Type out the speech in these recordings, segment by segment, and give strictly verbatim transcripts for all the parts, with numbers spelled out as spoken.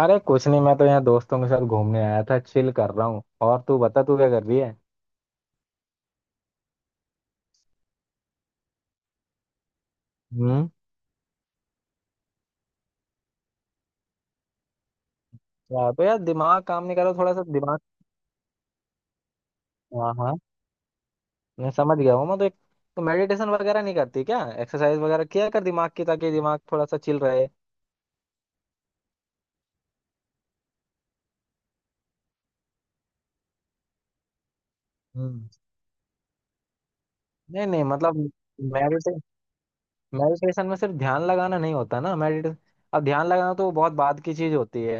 अरे कुछ नहीं, मैं तो यहाँ दोस्तों के साथ घूमने आया था, चिल कर रहा हूँ। और तू बता, तू क्या कर रही है। हम्म। या तो यार दिमाग काम नहीं कर रहा, थोड़ा सा दिमाग। हाँ हाँ, मैं समझ गया हूँ। मैं तो एक तो मेडिटेशन वगैरह नहीं करती क्या? एक्सरसाइज वगैरह किया कर दिमाग की, ताकि दिमाग थोड़ा सा चिल रहे। हम्म। नहीं नहीं, मतलब मेडिटे मेडिटेशन में सिर्फ ध्यान लगाना नहीं होता ना। मेडिटेशन, अब ध्यान लगाना तो बहुत बाद की चीज होती है।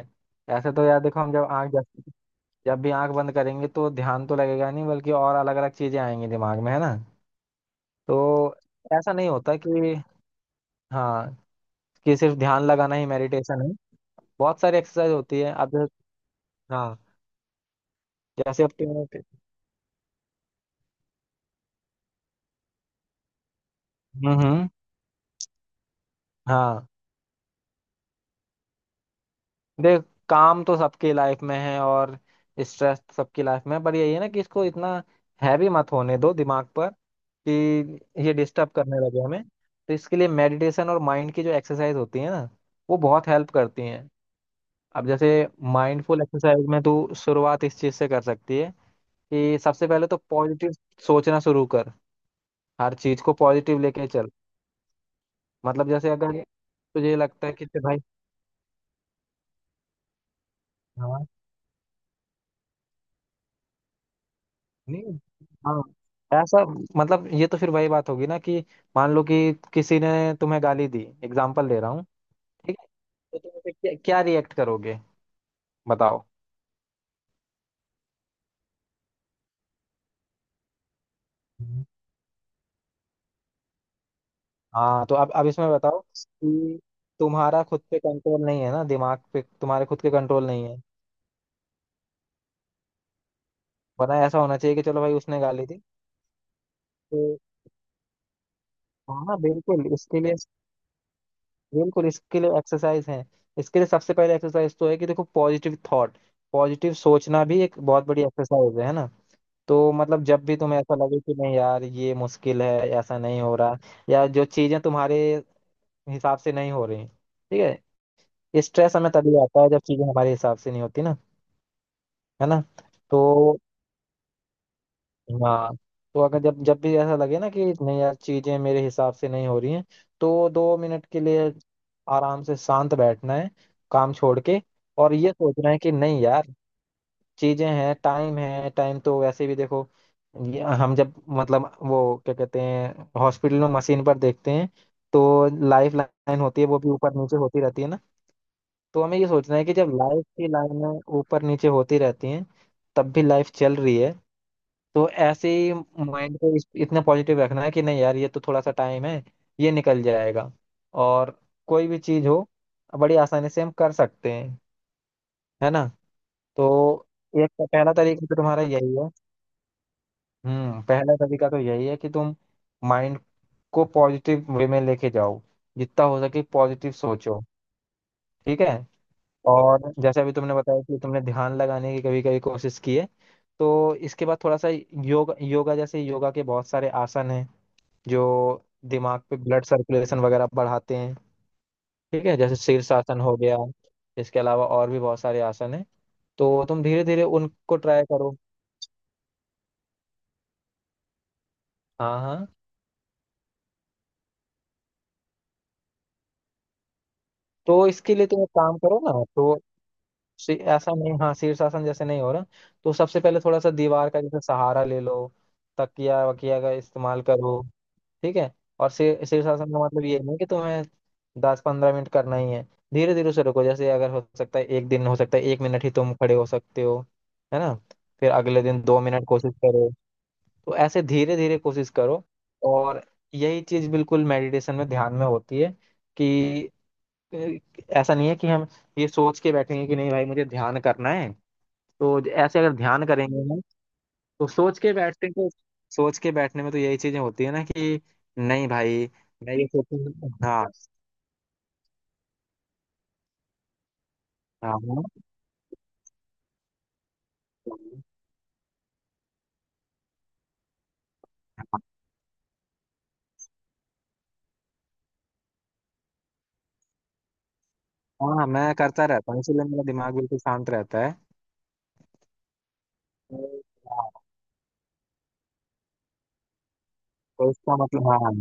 ऐसे तो यार देखो, हम जब आंख जब, जब भी आंख बंद करेंगे तो ध्यान तो लगेगा नहीं, बल्कि और अलग अलग चीजें आएंगी दिमाग में, है ना। तो ऐसा नहीं होता कि, हाँ, कि सिर्फ ध्यान लगाना ही मेडिटेशन है। बहुत सारी एक्सरसाइज होती है, अब जैसे- हाँ, जैसे अब तुम- हम्म हम्म। हाँ देख, काम तो सबकी लाइफ में है और स्ट्रेस तो सबकी लाइफ में है, पर यही है ना कि इसको इतना हैवी मत होने दो दिमाग पर कि ये डिस्टर्ब करने लगे हमें। तो इसके लिए मेडिटेशन और माइंड की जो एक्सरसाइज होती है ना, वो बहुत हेल्प करती हैं। अब जैसे माइंडफुल एक्सरसाइज में तू शुरुआत इस चीज़ से कर सकती है कि सबसे पहले तो पॉजिटिव सोचना शुरू कर। हर चीज को पॉजिटिव लेके चल। मतलब जैसे अगर तुझे लगता है कि ते भाई, हाँ, नहीं, हाँ, ऐसा मतलब ये तो फिर वही बात होगी ना कि मान लो कि किसी ने तुम्हें गाली दी, एग्जाम्पल दे रहा हूँ। ठीक है। तो तुम उसे क्या, क्या रिएक्ट करोगे, बताओ। हम्म। हाँ तो अब अब इसमें बताओ कि तुम्हारा खुद पे कंट्रोल नहीं है ना, दिमाग पे तुम्हारे खुद के कंट्रोल नहीं है। वरना ऐसा होना चाहिए कि चलो भाई उसने गाली दी तो, हाँ बिल्कुल इसके लिए बिल्कुल इसके लिए एक्सरसाइज है। इसके लिए सबसे पहले एक्सरसाइज तो है कि देखो पॉजिटिव थॉट, पॉजिटिव सोचना भी एक बहुत बड़ी एक्सरसाइज है है ना। तो मतलब जब भी तुम्हें ऐसा लगे कि नहीं यार ये मुश्किल है, ऐसा नहीं हो रहा, या जो चीजें तुम्हारे हिसाब से नहीं हो रही, ठीक है, स्ट्रेस हमें तभी आता है जब चीजें हमारे हिसाब से नहीं होती ना, है ना। तो, हाँ, तो अगर जब जब भी ऐसा लगे ना कि नहीं यार चीजें मेरे हिसाब से नहीं हो रही हैं, तो दो मिनट के लिए आराम से शांत बैठना है, काम छोड़ के, और ये सोचना है कि नहीं यार चीजें हैं, टाइम है। टाइम तो वैसे भी देखो, ये हम जब मतलब वो क्या कहते हैं हॉस्पिटल में मशीन पर देखते हैं तो लाइफ लाइन होती है, वो भी ऊपर नीचे होती रहती है ना। तो हमें ये सोचना है कि जब लाइफ की लाइनें ऊपर नीचे होती रहती हैं, तब भी लाइफ चल रही है। तो ऐसे ही माइंड को इस- इतना पॉजिटिव रखना है कि नहीं यार ये तो थोड़ा सा टाइम है, ये निकल जाएगा। और कोई भी चीज हो, बड़ी आसानी से हम कर सकते हैं, है ना। तो एक तो पहला तरीका तो तुम्हारा यही है। हम्म, पहला तरीका तो यही है कि तुम माइंड को पॉजिटिव वे में लेके जाओ, जितना हो सके पॉजिटिव सोचो। ठीक है। और जैसे अभी तुमने बताया कि तुमने ध्यान लगाने की कभी कभी कोशिश की है, तो इसके बाद थोड़ा सा योग, योगा जैसे योगा के बहुत सारे आसन हैं जो दिमाग पे ब्लड सर्कुलेशन वगैरह बढ़ाते हैं। ठीक है, जैसे शीर्षासन हो गया। इसके अलावा और भी बहुत सारे आसन हैं, तो तुम धीरे धीरे उनको ट्राई करो। हाँ हाँ, तो इसके लिए तुम एक काम करो ना। तो शी- ऐसा नहीं, हाँ, शीर्षासन जैसे नहीं हो रहा, तो सबसे पहले थोड़ा सा दीवार का जैसे सहारा ले लो, तकिया वकिया का इस्तेमाल करो। ठीक है। और शी- शीर्षासन का मतलब ये नहीं कि तुम्हें दस पंद्रह मिनट करना ही है। धीरे धीरे से रुको। जैसे अगर हो सकता है एक दिन हो सकता है एक मिनट ही तुम खड़े हो सकते हो, है ना। फिर अगले दिन दो मिनट कोशिश करो। तो ऐसे धीरे धीरे कोशिश करो। और यही चीज बिल्कुल मेडिटेशन में, ध्यान में होती है कि, अ, ऐसा नहीं है कि हम ये सोच के बैठेंगे कि नहीं भाई मुझे ध्यान करना है। तो ऐसे अगर ध्यान करेंगे तो सोच के बैठने को, सोच के बैठने में तो यही चीजें होती है ना, कि नहीं भाई मैं ये सोचूंगा, हाँ, हाँ हाँ हाँ हाँ, मैं करता रहता हूँ इसीलिए मेरा दिमाग बिल्कुल शांत रहता है। तो हाँ, तो इसका मतलब, हाँ,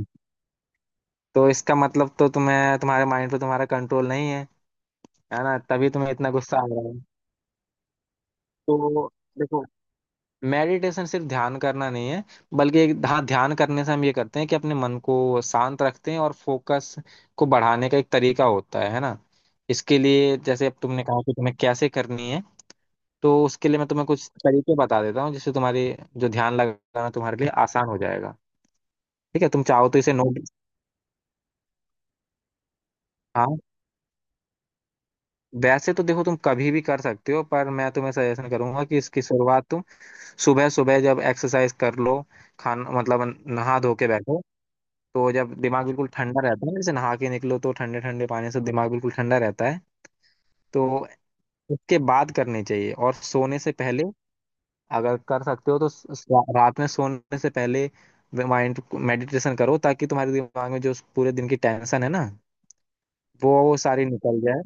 तो इसका मतलब तो तुम्हें, तुम्हारे माइंड पे तुम्हारा कंट्रोल नहीं है, है ना, तभी तुम्हें इतना गुस्सा आ रहा है। तो देखो, मेडिटेशन सिर्फ ध्यान करना नहीं है, बल्कि एक, हाँ, ध्यान करने से हम ये करते हैं कि अपने मन को शांत रखते हैं और फोकस को बढ़ाने का एक तरीका होता है है ना। इसके लिए, जैसे अब तुमने कहा कि तुम्हें कैसे करनी है, तो उसके लिए मैं तुम्हें कुछ तरीके बता देता हूँ जिससे तुम्हारी जो ध्यान लगाना तुम्हारे लिए आसान हो जाएगा। ठीक है, तुम चाहो तो इसे नोट, हाँ। वैसे तो देखो तुम कभी भी कर सकते हो, पर मैं तुम्हें सजेशन करूंगा कि इसकी शुरुआत तुम सुबह सुबह जब एक्सरसाइज कर लो, खान मतलब नहा धो के बैठो। तो जब दिमाग बिल्कुल ठंडा रहता है ना, जैसे नहा के निकलो तो ठंडे ठंडे पानी से दिमाग बिल्कुल ठंडा रहता है, तो उसके बाद करनी चाहिए। और सोने से पहले अगर कर सकते हो तो स- स- रात में सोने से पहले माइंड मेडिटेशन करो, ताकि तुम्हारे दिमाग में जो उस पूरे दिन की टेंशन है ना, वो वो सारी निकल जाए,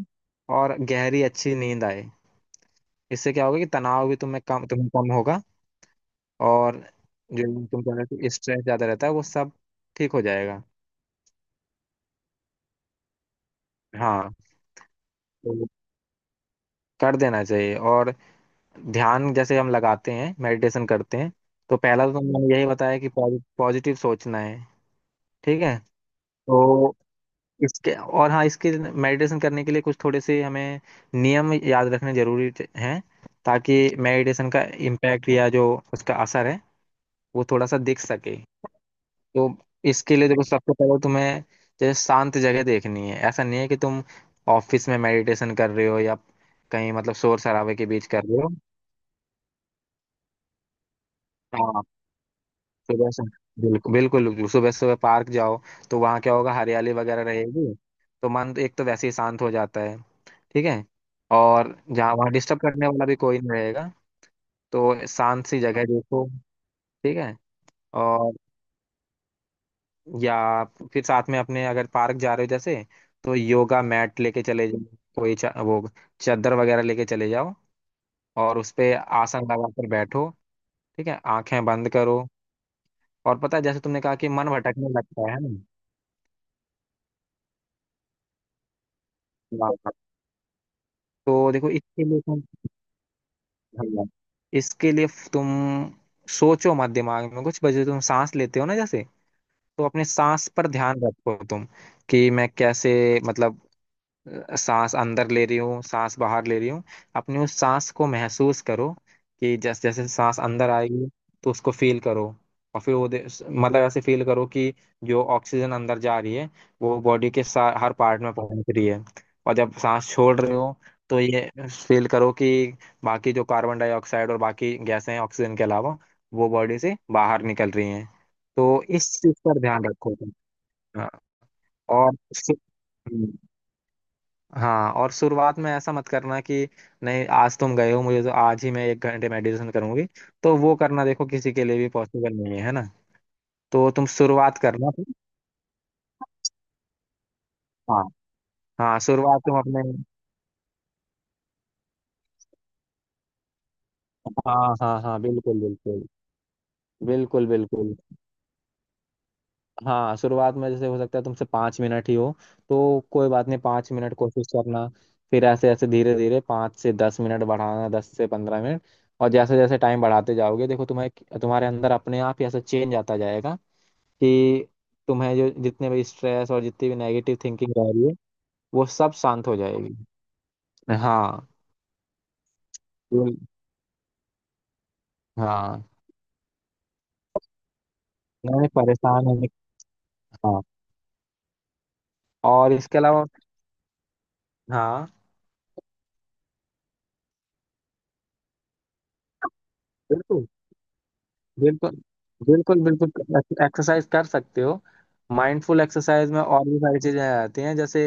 और गहरी अच्छी नींद आए। इससे क्या होगा कि तनाव भी तुम्हें कम तुम्हें कम होगा, और जो तुम कह रहे हो स्ट्रेस ज्यादा रहता है वो सब ठीक हो जाएगा। हाँ तो कर देना चाहिए। और ध्यान जैसे हम लगाते हैं, मेडिटेशन करते हैं, तो पहला तो तुमने यही बताया कि पॉजिटिव सोचना है। ठीक है। तो इसके और, हाँ, इसके मेडिटेशन करने के लिए कुछ थोड़े से हमें नियम याद रखने जरूरी च- हैं, ताकि मेडिटेशन का इम्पैक्ट या जो उसका असर है वो थोड़ा सा दिख सके। तो इसके लिए देखो सबसे पहले तुम्हें जैसे शांत जगह देखनी है। ऐसा नहीं है कि तुम ऑफिस में मेडिटेशन कर रहे हो या कहीं मतलब शोर शराबे के बीच कर रहे हो। हाँ, सुबह से बिल्कुल बिल्कुल बिल्कुल। सुबह सुबह पार्क जाओ तो वहाँ क्या होगा, हरियाली वगैरह रहेगी, तो मन तो एक तो वैसे ही शांत हो जाता है। ठीक है। और जहाँ वहाँ डिस्टर्ब करने वाला भी कोई नहीं रहेगा। तो शांत सी जगह देखो। ठीक है। और, या फिर साथ में अपने अगर पार्क जा रहे हो जैसे, तो योगा मैट लेके चले जाओ, कोई चा, वो चादर वगैरह लेके चले जाओ, और उस पे आसन लगाकर बैठो। ठीक है, आंखें बंद करो। और पता है जैसे तुमने कहा कि मन भटकने लगता है ना, तो देखो इसके लिए तुम, हाँ, इसके लिए तुम सोचो मत दिमाग में कुछ। वजह, तुम सांस लेते हो ना जैसे, तो अपने सांस पर ध्यान रखो तुम, कि मैं कैसे मतलब अ, सांस अंदर ले रही हूँ, सांस बाहर ले रही हूँ। अपनी उस सांस को महसूस करो कि जैसे जैसे सांस अंदर आएगी तो उसको फील करो। और फिर वो दे- मतलब ऐसे फील करो कि जो ऑक्सीजन अंदर जा रही है वो बॉडी के सा- हर पार्ट में पहुंच रही है। और जब सांस छोड़ रहे हो तो ये फील करो कि बाकी जो कार्बन डाइऑक्साइड और बाकी गैसें हैं ऑक्सीजन के अलावा, वो बॉडी से बाहर निकल रही हैं। तो इस चीज पर ध्यान रखो तुम। हाँ, और, हाँ, और शुरुआत में ऐसा मत करना कि नहीं आज तुम गए हो, मुझे तो आज ही मैं एक घंटे मेडिटेशन करूंगी, तो वो करना देखो किसी के लिए भी पॉसिबल नहीं है, है ना। तो तुम शुरुआत करना तुम, हाँ, हाँ शुरुआत तुम अपने, हाँ हाँ हाँ बिल्कुल बिल्कुल, बिल्कुल बिल्कुल। हाँ शुरुआत में जैसे हो सकता है तुमसे पाँच मिनट ही हो, तो कोई बात नहीं पाँच मिनट कोशिश करना। फिर ऐसे ऐसे धीरे धीरे पाँच से दस मिनट बढ़ाना, दस से पंद्रह मिनट। और जैसे जैसे टाइम बढ़ाते जाओगे देखो तुम्हें, तुम्हारे अंदर अपने आप ही ऐसा चेंज आता जाएगा कि तुम्हें जो जितने भी स्ट्रेस और जितनी भी नेगेटिव थिंकिंग रह रही है वो सब शांत हो जाएगी। हाँ बिल- हाँ नहीं परेशान होने, हाँ, और इसके अलावा, हाँ बिल्कुल बिल्कुल, बिल्कुल बिल्कुल एक्सरसाइज कर सकते हो। माइंडफुल एक्सरसाइज में और भी सारी चीजें आ जाती हैं, जैसे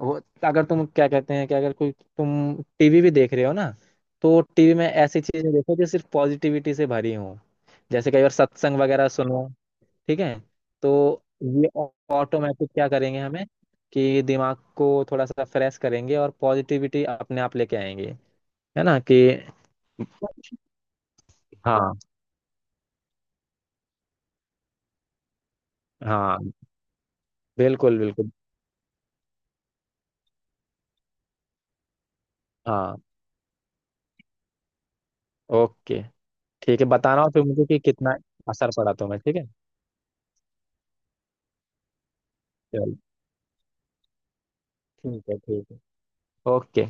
वो, अगर तुम क्या कहते हैं कि अगर कोई, तुम टीवी भी देख रहे हो ना, तो टीवी में ऐसी चीजें देखो जो सिर्फ पॉजिटिविटी से भरी हो। जैसे कई बार सत्संग वगैरह सुनो। ठीक है। तो ये ऑटोमेटिक क्या करेंगे हमें, कि दिमाग को थोड़ा सा फ्रेश करेंगे और पॉजिटिविटी अपने आप लेके आएंगे, है ना। कि हाँ हाँ बिल्कुल बिल्कुल। हाँ। ओके। ठीक है, बताना और फिर मुझे कि कितना असर पड़ा तुम्हें। ठीक है। चलो, ठीक है ठीक है। ओके।